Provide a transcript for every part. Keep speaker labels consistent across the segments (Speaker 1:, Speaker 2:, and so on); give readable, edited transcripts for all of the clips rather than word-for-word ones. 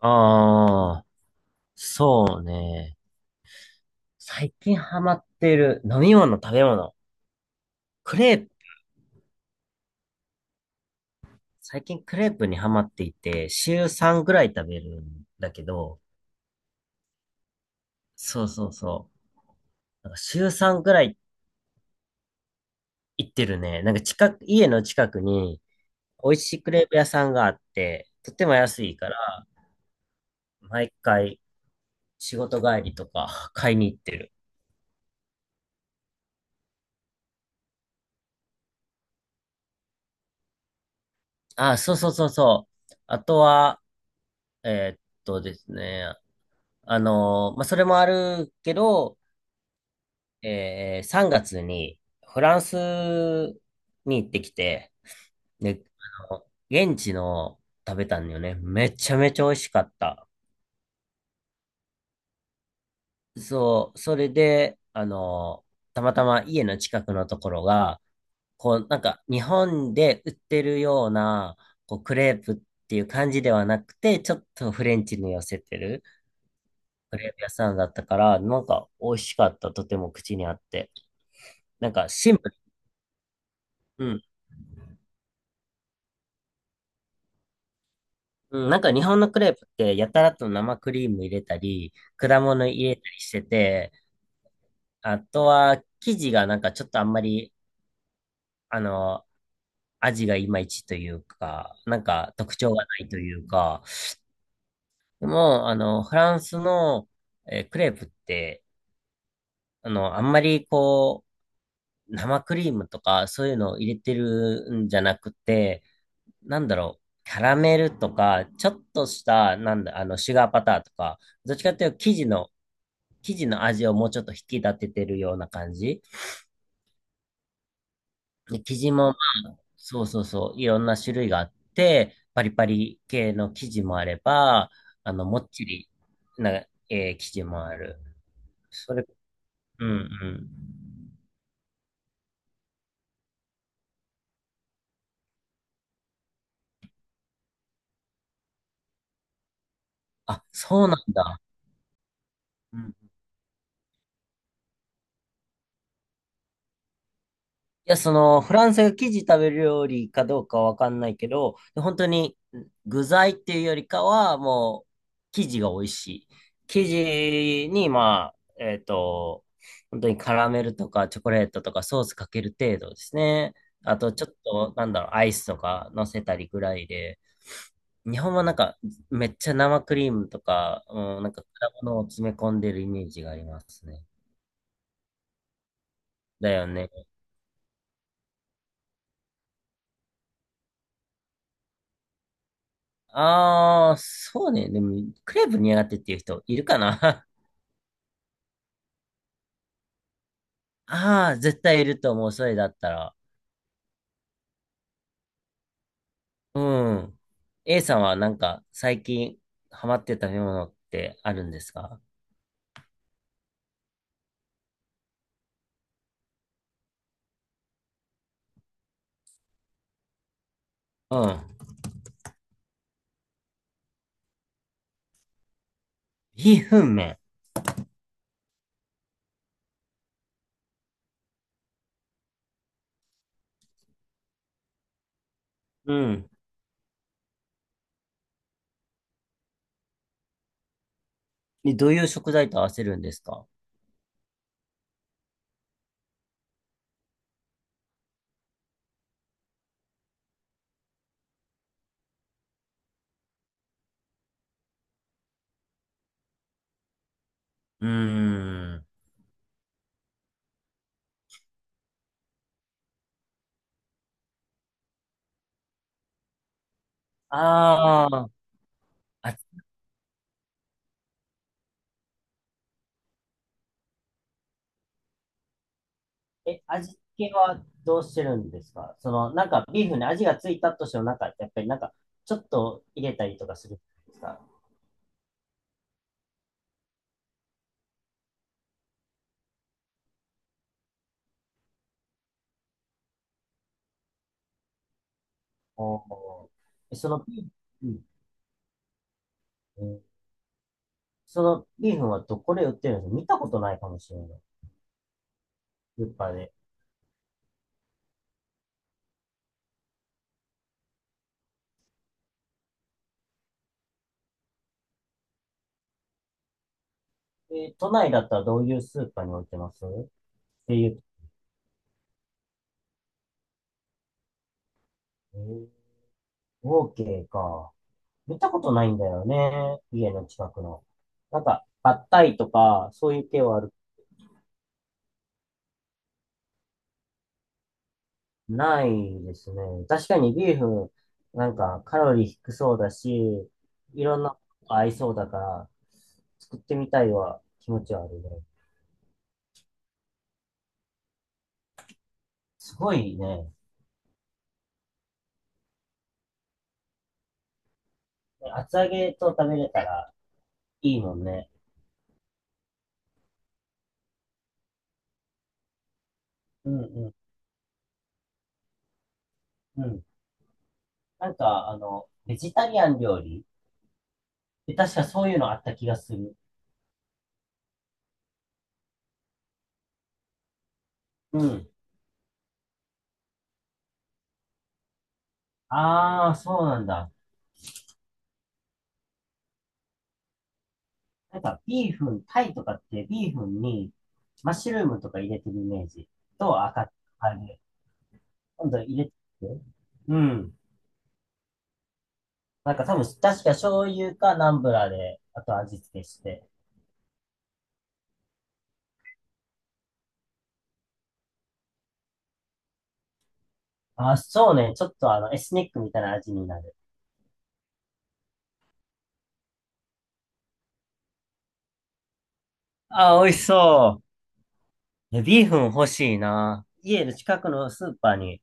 Speaker 1: ああ、そうね。最近ハマってる飲み物、食べ物。クレープ、最近クレープにハマっていて、週3ぐらい食べるんだけど、そうそうそう。なんか週3ぐらい行ってるね。なんか近く、家の近くに美味しいクレープ屋さんがあって、とっても安いから、毎回仕事帰りとか買いに行ってる。あ、そうそうそうそう。あとは、ですね。それもあるけど、3月にフランスに行ってきて、で、あの現地の食べたんだよね。めちゃめちゃ美味しかった。そう、それで、たまたま家の近くのところが、こう、なんか日本で売ってるような、こう、クレープっていう感じではなくて、ちょっとフレンチに寄せてるクレープ屋さんだったから、なんか美味しかった。とても口にあって。なんかシンプル。うん、なんか日本のクレープってやたらと生クリーム入れたり、果物入れたりしてて、あとは生地がなんかちょっとあんまり、あの、味がいまいちというか、なんか特徴がないというか、でも、フランスの、クレープって、あんまりこう、生クリームとかそういうのを入れてるんじゃなくて、なんだろう、キャラメルとか、ちょっとした、なんだ、シュガーパターとか、どっちかっていうと生地の、生地の味をもうちょっと引き立ててるような感じ。で、生地も、そうそうそう、いろんな種類があって、パリパリ系の生地もあれば、もっちりな、生地もある。それ、うんうん。あ、そうなんだ。うん、いや、その、フランスが生地食べる料理かどうかわかんないけど、本当に具材っていうよりかは、もう、生地が美味しい。生地に、まあ、本当にカラメルとかチョコレートとかソースかける程度ですね。あと、ちょっと、なんだろう、アイスとか乗せたりぐらいで、日本はなんか、めっちゃ生クリームとか、うん、なんか果物を詰め込んでるイメージがありますね。だよね。ああ、そうね。でも、クレープ苦手っていう人いるかな？ ああ、絶対いると思う。それだったら。うん。A さんはなんか最近ハマってた食べ物ってあるんですか？うん。ビーフン麺。うん。でどういう食材と合わせるんですか？うーん。ああ。あ、え、味付けはどうしてるんですか？その、なんかビーフンに味がついたとしても、なんか、やっぱりなんか、ちょっと入れたりとかするんですか？おー、えそのビーフン、うんそのビーフンはどこで売ってるんですか？見たことないかもしれない。スーパーで。え都内だったらどういうスーパーに置いてますっていう。えー、オーケーか。見たことないんだよね。家の近くの。なんか、パッタイとか、そういう系はある。ないですね。確かにビーフン、なんかカロリー低そうだし、いろんなこと合いそうだから、作ってみたいは気持ちはあるね。すごいね。厚揚げと食べれたらいいもんね。うんうん。うん。なんか、ベジタリアン料理で確かそういうのあった気がする。うん。ああ、そうなんだ。なんか、ビーフン、タイとかってビーフンにマッシュルームとか入れてるイメージと赤、あれ、今度入れてる、うん。なんか多分、確か醤油かナンブラーで、あと味付けして。あそうね。ちょっとエスニックみたいな味になる。ああ、美味しそう。えビーフン欲しいな。家の近くのスーパーに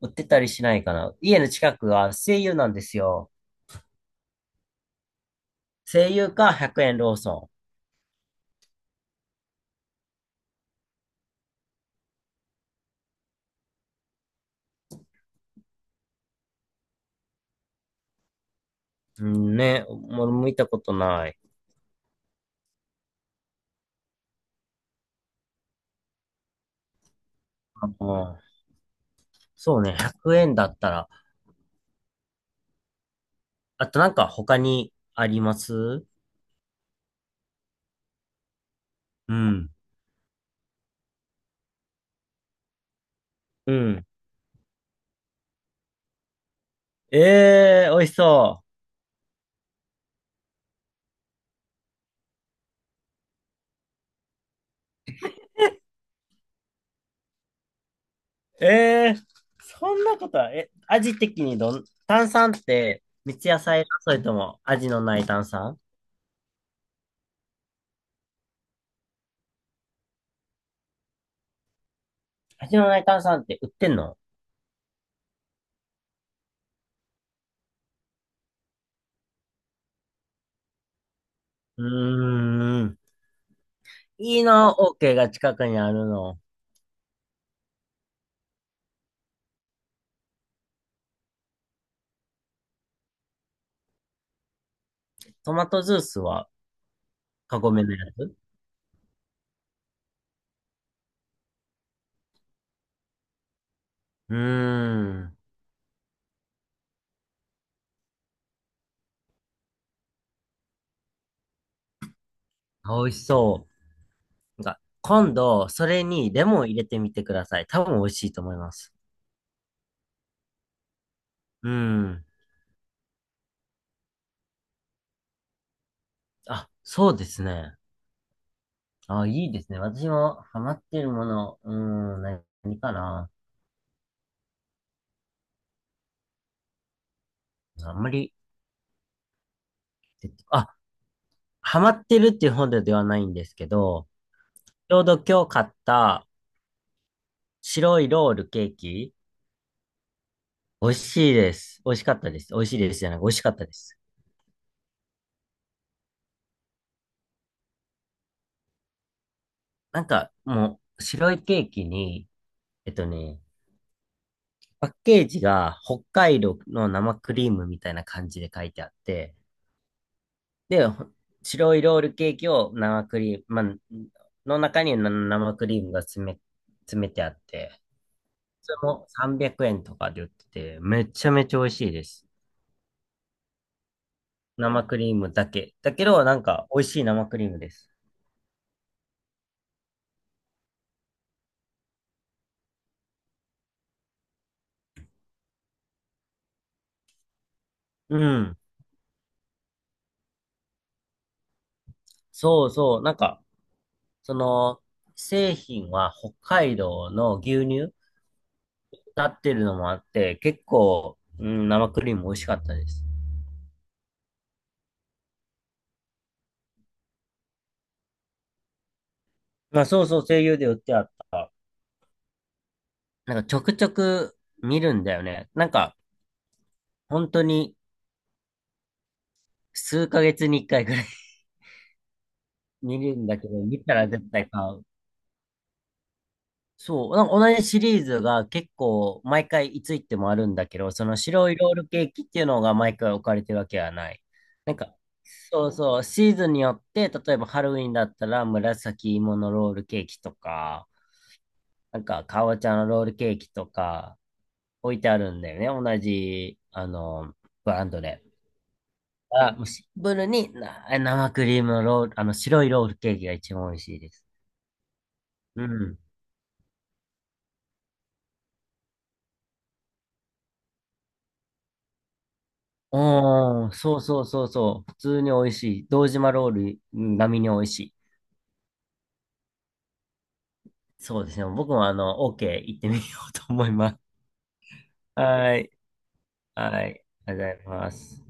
Speaker 1: 売ってたりしないかな。家の近くは西友なんですよ。西友か100円ローソン。うんね、もも見たことない。うん、そうね、100円だったら。あとなんか他にあります？うん。うん。ええー、美味しそう。ええー、そんなことは、え、味的にどん、炭酸って三ツ矢サイダーそれとも味のない炭酸？味のない炭酸って売ってんの？うーん。いいな、オーケーが近くにあるの。トマトジュースは、カゴメのやつ？うーん。美味しそう。なんか、今度、それにレモン入れてみてください。多分美味しいと思います。うん。あ、そうですね。あ、いいですね。私もハマってるもの、うーん、何何かな。あんまり、えっとあ、ハマってるっていうほどではないんですけど、ちょうど今日買った白いロールケーキ、美味しいです。美味しかったです。美味しいですじゃなく、美味しかったです。なんか、もう、白いケーキに、えっとね、パッケージが北海道の生クリームみたいな感じで書いてあって、で、ほ白いロールケーキを生クリーム、まあ、の中にな生クリームが詰め、詰めてあって、それも300円とかで売ってて、めちゃめちゃ美味しいです。生クリームだけ。だけど、なんか、美味しい生クリームです。うん。そうそう。なんか、その、製品は北海道の牛乳なってるのもあって、結構、うん、生クリーム美味しかったです。まあそうそう、声優で売ってあった。なんかちょくちょく見るんだよね。なんか、本当に数ヶ月に一回ぐらい 見るんだけど、見たら絶対買う。そう、なんか同じシリーズが結構毎回いつ行ってもあるんだけど、その白いロールケーキっていうのが毎回置かれてるわけはない。なんか、そうそう、シーズンによって、例えばハロウィンだったら紫芋のロールケーキとか、なんか、かぼちゃのロールケーキとか置いてあるんだよね。同じ、ブランドで。あ、もうシンプルにな生クリームのロール、白いロールケーキが一番美味しいです。うん。おー、そうそうそうそう。普通に美味しい。堂島ロールうん並みに美味しい。そうですね。僕もあの、OK 行ってみようと思います。はい。はい。ありがとうございます。